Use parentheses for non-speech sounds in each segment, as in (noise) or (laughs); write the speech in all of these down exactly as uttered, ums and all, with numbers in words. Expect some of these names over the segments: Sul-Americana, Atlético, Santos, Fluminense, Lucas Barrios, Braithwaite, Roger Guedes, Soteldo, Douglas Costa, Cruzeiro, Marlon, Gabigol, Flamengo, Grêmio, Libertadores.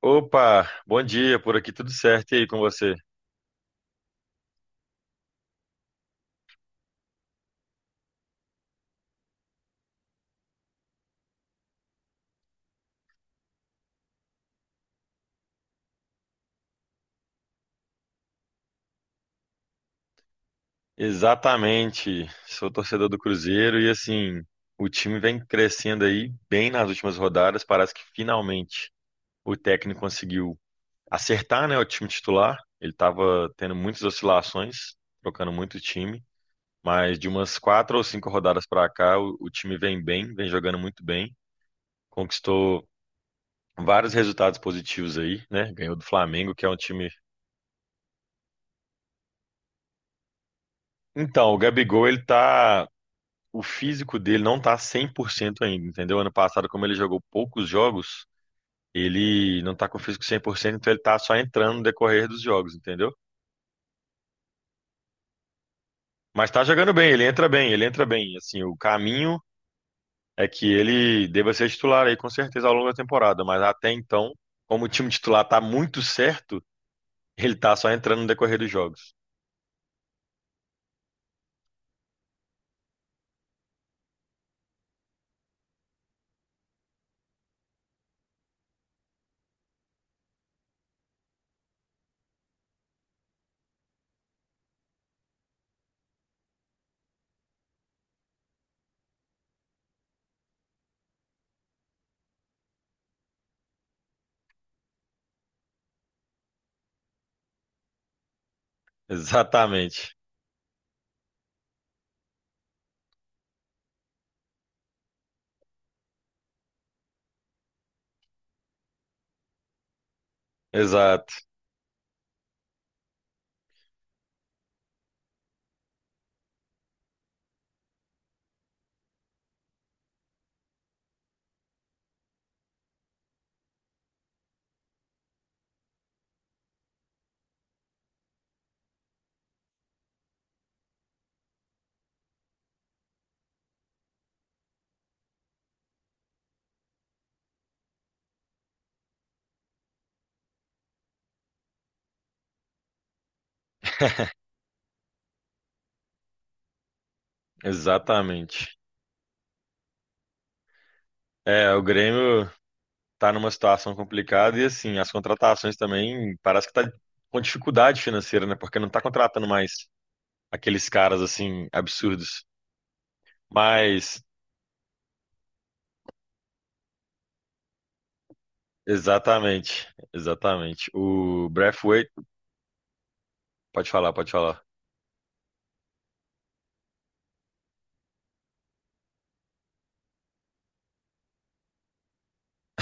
Opa, bom dia, por aqui tudo certo e aí com você? Exatamente, sou torcedor do Cruzeiro e assim, o time vem crescendo aí bem nas últimas rodadas, parece que finalmente o técnico conseguiu acertar, né, o time titular. Ele estava tendo muitas oscilações, trocando muito time, mas de umas quatro ou cinco rodadas para cá, o, o time vem bem, vem jogando muito bem, conquistou vários resultados positivos aí, né? Ganhou do Flamengo, que é um time. Então, o Gabigol, ele tá o físico dele não tá cem por cento ainda, entendeu? Ano passado, como ele jogou poucos jogos, ele não tá com o físico cem por cento, então ele tá só entrando no decorrer dos jogos, entendeu? Mas tá jogando bem, ele entra bem, ele entra bem. Assim, o caminho é que ele deva ser titular aí com certeza ao longo da temporada, mas até então, como o time titular tá muito certo, ele tá só entrando no decorrer dos jogos. Exatamente. Exato, exatamente. É, o Grêmio tá numa situação complicada e assim, as contratações também parece que tá com dificuldade financeira, né? Porque não tá contratando mais aqueles caras assim absurdos. Mas exatamente, exatamente. O Braithwaite, pode falar, pode falar.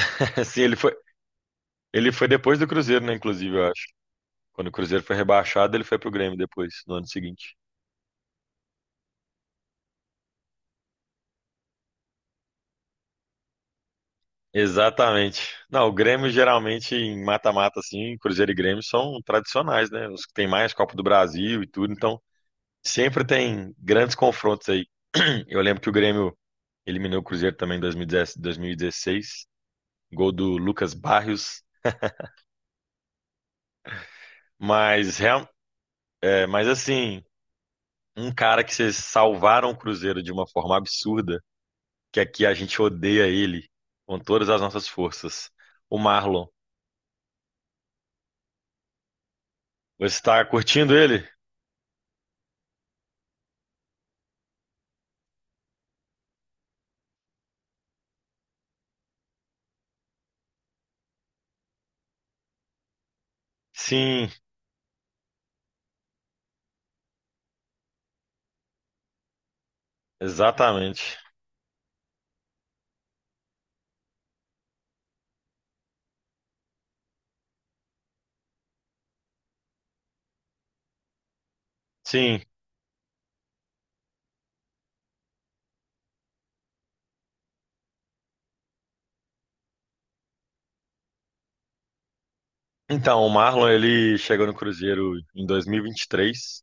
(laughs) Assim, ele foi ele foi depois do Cruzeiro, né, inclusive, eu acho. Quando o Cruzeiro foi rebaixado, ele foi pro Grêmio depois, no ano seguinte. Exatamente. Não, o Grêmio geralmente em mata-mata assim, Cruzeiro e Grêmio são tradicionais, né? Os que tem mais Copa do Brasil e tudo, então sempre tem grandes confrontos aí. (clears throat) Eu lembro que o Grêmio eliminou o Cruzeiro também em dois mil e dez dois mil e dezesseis, gol do Lucas Barrios. Mas, real- é, mas assim, um cara que vocês salvaram o Cruzeiro de uma forma absurda, que aqui a gente odeia ele com todas as nossas forças. O Marlon. Você está curtindo ele? Sim, exatamente. Sim. Então, o Marlon ele chegou no Cruzeiro em dois mil e vinte e três.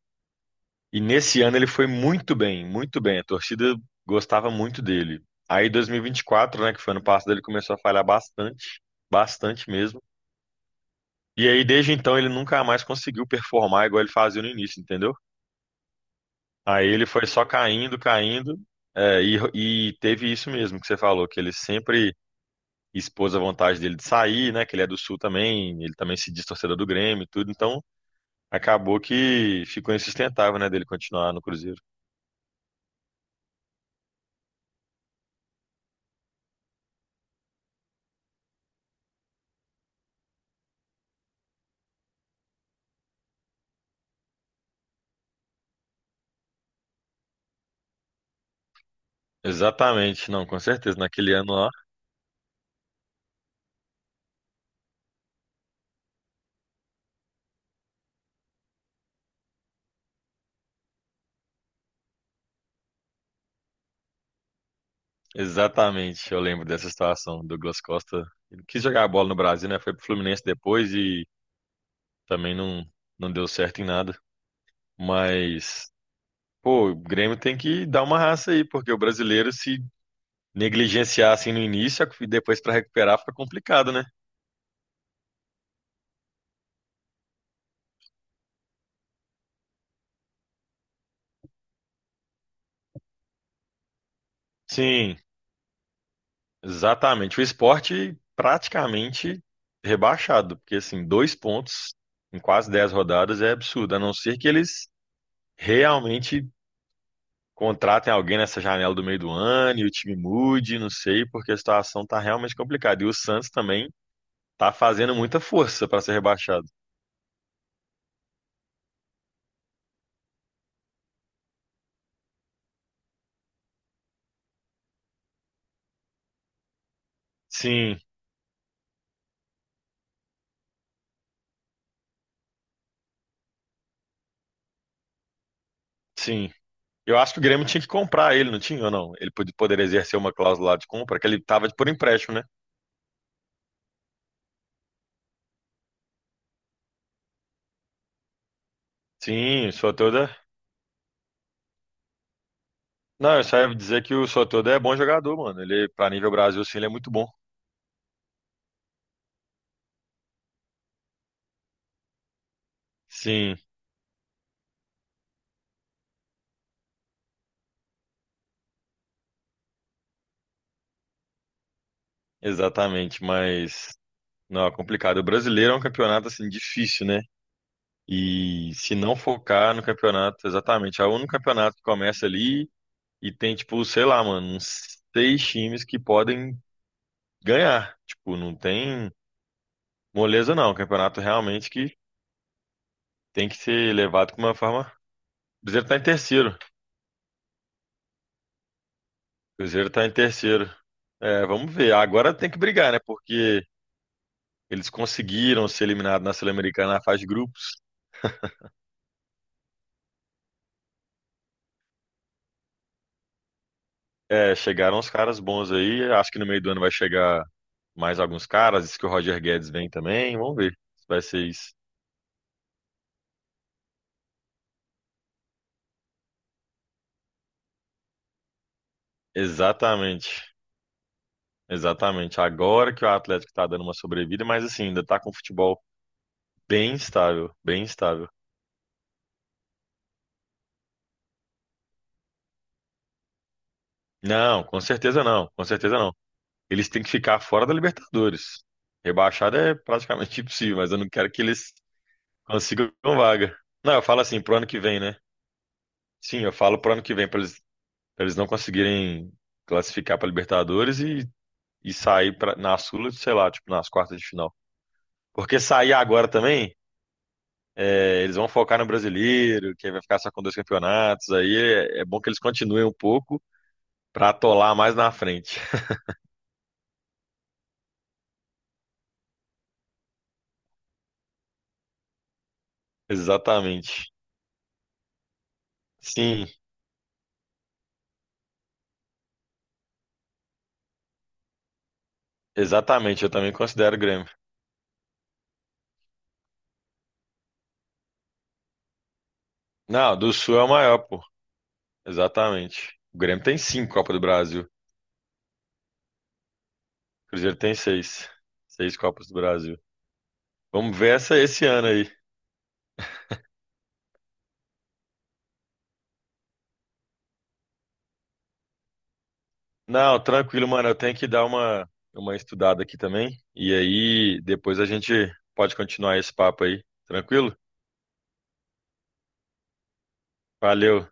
E nesse ano ele foi muito bem, muito bem. A torcida gostava muito dele. Aí dois mil e vinte e quatro, né, que foi ano passado, ele começou a falhar bastante, bastante mesmo. E aí desde então ele nunca mais conseguiu performar igual ele fazia no início, entendeu? Aí ele foi só caindo, caindo, é, e, e teve isso mesmo que você falou, que ele sempre expôs a vontade dele de sair, né, que ele é do Sul também, ele também se diz torcedor do Grêmio e tudo, então acabou que ficou insustentável, né, dele continuar no Cruzeiro. Exatamente, não, com certeza. Naquele ano lá, exatamente, eu lembro dessa situação. O Douglas Costa ele quis jogar a bola no Brasil, né? Foi pro Fluminense depois e também não, não deu certo em nada. Mas, pô, o Grêmio tem que dar uma raça aí, porque o brasileiro se negligenciar assim no início e depois pra recuperar fica complicado, né? Sim, exatamente. O esporte praticamente rebaixado, porque assim, dois pontos em quase dez rodadas é absurdo, a não ser que eles realmente contratem alguém nessa janela do meio do ano e o time mude, não sei, porque a situação tá realmente complicada. E o Santos também tá fazendo muita força para ser rebaixado. Sim, sim. Eu acho que o Grêmio tinha que comprar ele, não tinha ou não? Ele pod- poderia exercer uma cláusula de compra, que ele tava por empréstimo, né? Sim, o Soteldo é... Não, eu só ia dizer que o Soteldo é bom jogador, mano. Ele, pra nível Brasil, sim, ele é muito bom. Sim, exatamente, mas... Não, é complicado. O brasileiro é um campeonato, assim, difícil, né? E se não focar no campeonato, exatamente, é o único campeonato que começa ali e tem, tipo, sei lá, mano, uns seis times que podem ganhar. Tipo, não tem moleza, não. O campeonato realmente que tem que ser levado com uma forma. O Cruzeiro tá em terceiro. O Cruzeiro tá em terceiro. É, vamos ver. Agora tem que brigar, né? Porque eles conseguiram ser eliminados na Sul-Americana na fase de grupos. É, chegaram os caras bons aí. Acho que no meio do ano vai chegar mais alguns caras. Diz que o Roger Guedes vem também. Vamos ver se vai ser isso. Exatamente. Exatamente. Agora que o Atlético tá dando uma sobrevida, mas assim, ainda tá com o futebol bem estável, bem estável. Não, com certeza não, com certeza não. Eles têm que ficar fora da Libertadores. Rebaixada é praticamente (laughs) impossível, mas eu não quero que eles consigam vaga. Não, eu falo assim, pro ano que vem, né? Sim, eu falo pro ano que vem, pra eles Pra eles não conseguirem classificar pra Libertadores e, e sair pra, na Sula, sei lá, tipo, nas quartas de final. Porque sair agora também, é, eles vão focar no brasileiro, que aí vai ficar só com dois campeonatos. Aí é, é bom que eles continuem um pouco pra atolar mais na frente. (laughs) Exatamente. Sim, exatamente. Eu também considero o Grêmio. Não, do Sul é o maior, pô. Exatamente. O Grêmio tem cinco Copa do Brasil. O Cruzeiro tem seis. Seis Copas do Brasil. Vamos ver essa esse ano aí. Não, tranquilo, mano. Eu tenho que dar uma, uma estudada aqui também. E aí, depois a gente pode continuar esse papo aí. Tranquilo? Valeu.